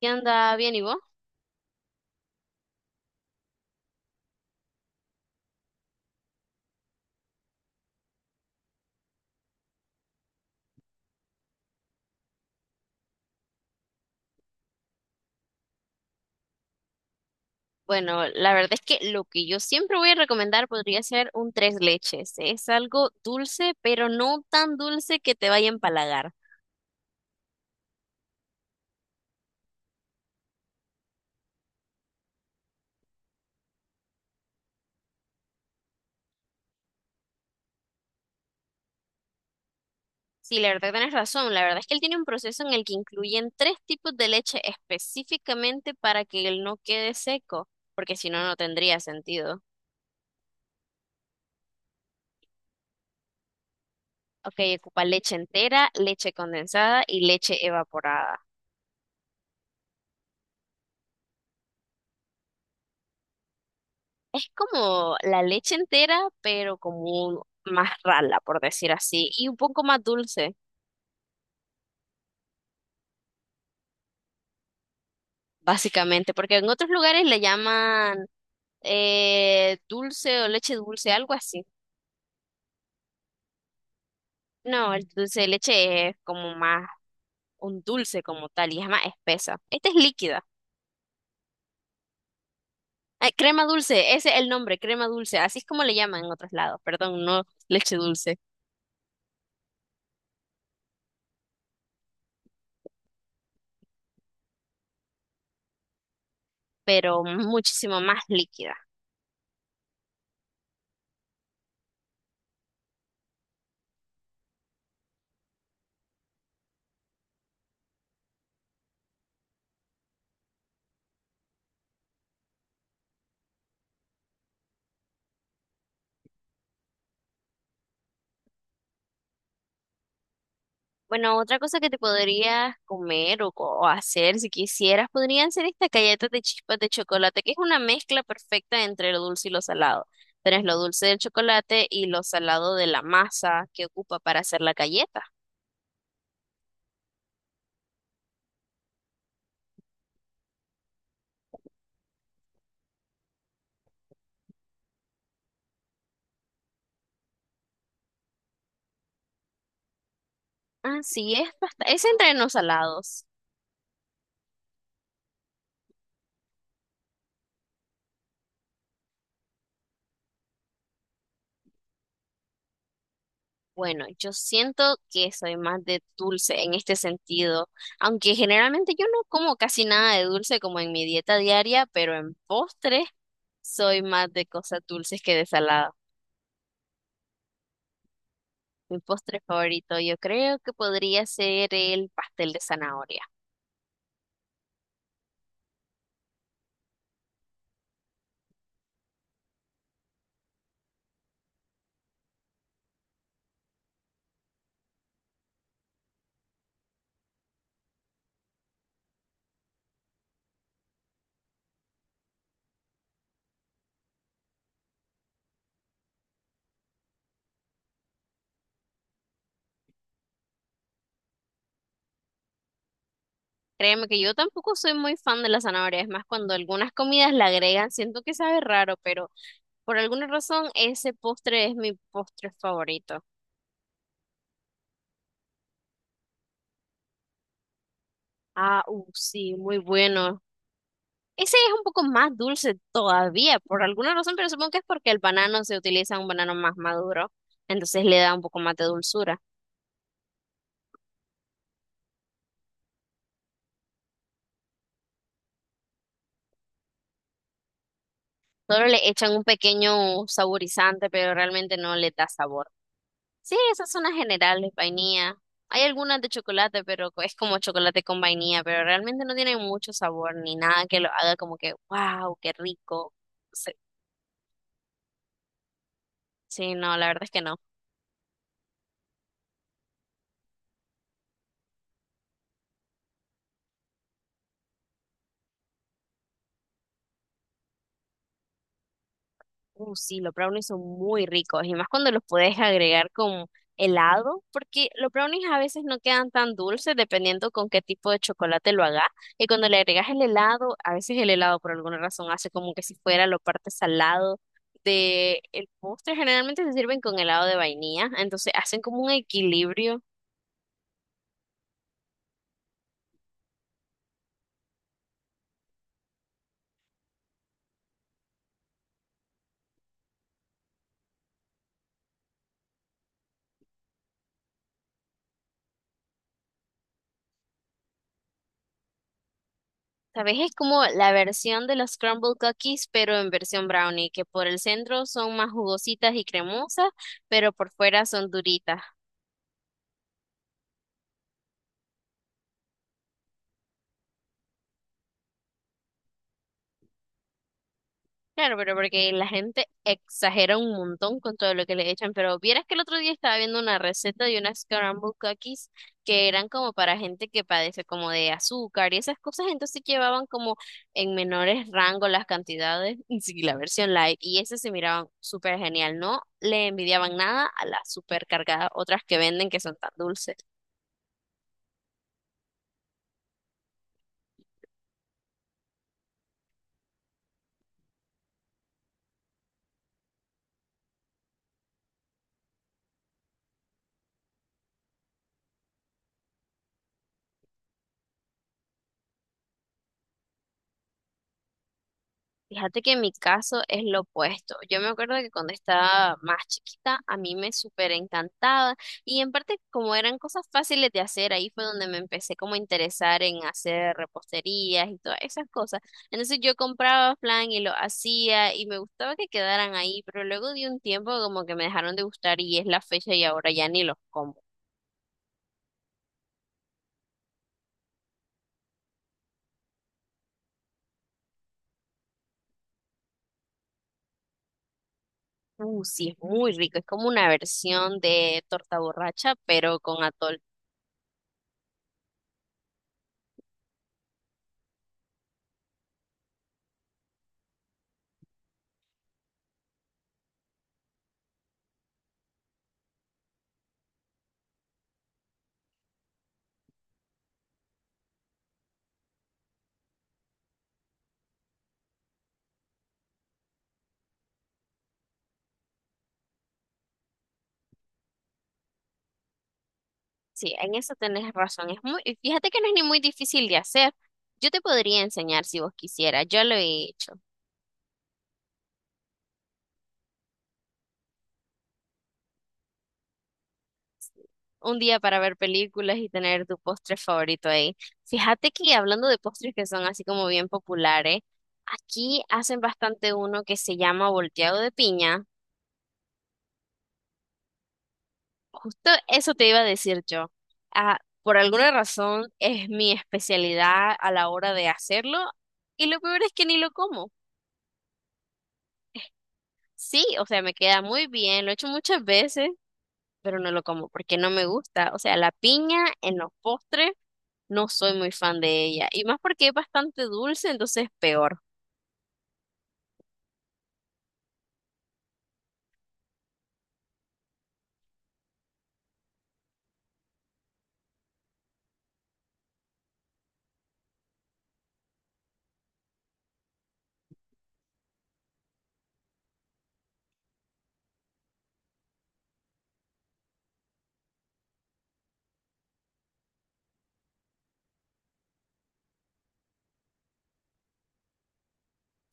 ¿Qué anda bien y vos? Bueno, la verdad es que lo que yo siempre voy a recomendar podría ser un tres leches. Es algo dulce, pero no tan dulce que te vaya a empalagar. Sí, la verdad tenés razón. La verdad es que él tiene un proceso en el que incluyen tres tipos de leche específicamente para que él no quede seco, porque si no, no tendría sentido. Ok, ocupa leche entera, leche condensada y leche evaporada. Es como la leche entera, pero como más rala, por decir así, y un poco más dulce. Básicamente, porque en otros lugares le llaman dulce o leche dulce, algo así. No, el dulce de leche es como más un dulce como tal y es más espesa. Esta es líquida. Ay, crema dulce, ese es el nombre, crema dulce, así es como le llaman en otros lados, perdón, no leche dulce, pero muchísimo más líquida. Bueno, otra cosa que te podrías comer o hacer si quisieras, podrían ser estas galletas de chispas de chocolate, que es una mezcla perfecta entre lo dulce y lo salado. Tenés lo dulce del chocolate y lo salado de la masa que ocupa para hacer la galleta. Así es, es entre los salados. Bueno, yo siento que soy más de dulce en este sentido, aunque generalmente yo no como casi nada de dulce como en mi dieta diaria, pero en postres soy más de cosas dulces que de salado. Mi postre favorito yo creo que podría ser el pastel de zanahoria. Créeme que yo tampoco soy muy fan de la zanahoria, es más, cuando algunas comidas la agregan, siento que sabe raro, pero por alguna razón ese postre es mi postre favorito. Ah, sí, muy bueno. Ese es un poco más dulce todavía, por alguna razón, pero supongo que es porque el banano se utiliza un banano más maduro, entonces le da un poco más de dulzura. Solo le echan un pequeño saborizante, pero realmente no le da sabor. Sí, esas son las generales, vainilla. Hay algunas de chocolate, pero es como chocolate con vainilla, pero realmente no tiene mucho sabor ni nada que lo haga como que, wow, qué rico. Sí, sí, no, la verdad es que no. Sí, los brownies son muy ricos y más cuando los puedes agregar con helado, porque los brownies a veces no quedan tan dulces dependiendo con qué tipo de chocolate lo hagas. Y cuando le agregas el helado, a veces el helado por alguna razón hace como que si fuera lo parte salado de el postre. Generalmente se sirven con helado de vainilla, entonces hacen como un equilibrio. ¿Sabes? Es como la versión de los crumble cookies, pero en versión brownie, que por el centro son más jugositas y cremosas, pero por fuera son duritas. Claro, pero porque la gente exagera un montón con todo lo que le echan, pero vieras que el otro día estaba viendo una receta de unas scrambled cookies que eran como para gente que padece como de azúcar y esas cosas, entonces llevaban como en menores rangos las cantidades, y sí, la versión light, y esas se miraban súper genial, no le envidiaban nada a las súper cargadas otras que venden que son tan dulces. Fíjate que en mi caso es lo opuesto. Yo me acuerdo que cuando estaba más chiquita, a mí me súper encantaba y en parte como eran cosas fáciles de hacer, ahí fue donde me empecé como a interesar en hacer reposterías y todas esas cosas. Entonces yo compraba flan y lo hacía y me gustaba que quedaran ahí, pero luego de un tiempo como que me dejaron de gustar y es la fecha y ahora ya ni los como. Sí, es muy rico, es como una versión de torta borracha, pero con atol. Sí, en eso tenés razón. Es muy, y fíjate que no es ni muy difícil de hacer. Yo te podría enseñar si vos quisieras. Yo lo he hecho. Un día para ver películas y tener tu postre favorito ahí. Fíjate que hablando de postres que son así como bien populares, aquí hacen bastante uno que se llama volteado de piña. Justo eso te iba a decir yo. Ah, por alguna razón es mi especialidad a la hora de hacerlo y lo peor es que ni lo como. Sí, o sea, me queda muy bien, lo he hecho muchas veces pero no lo como porque no me gusta. O sea, la piña en los postres no soy muy fan de ella. Y más porque es bastante dulce, entonces peor.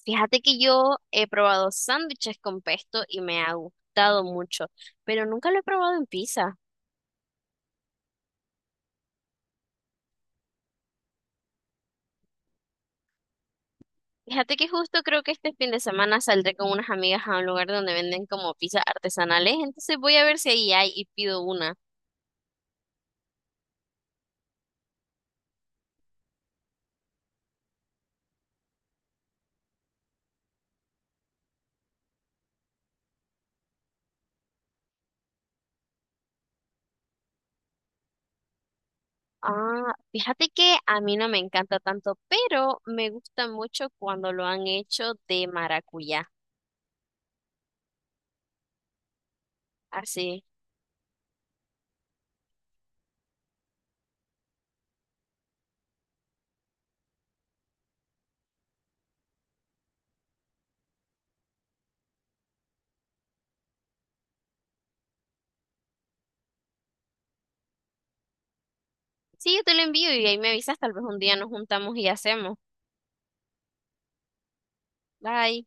Fíjate que yo he probado sándwiches con pesto y me ha gustado mucho, pero nunca lo he probado en pizza. Fíjate que justo creo que este fin de semana saldré con unas amigas a un lugar donde venden como pizzas artesanales, entonces voy a ver si ahí hay y pido una. Ah, fíjate que a mí no me encanta tanto, pero me gusta mucho cuando lo han hecho de maracuyá. Así. Sí, yo te lo envío y ahí me avisas, tal vez un día nos juntamos y hacemos. Bye.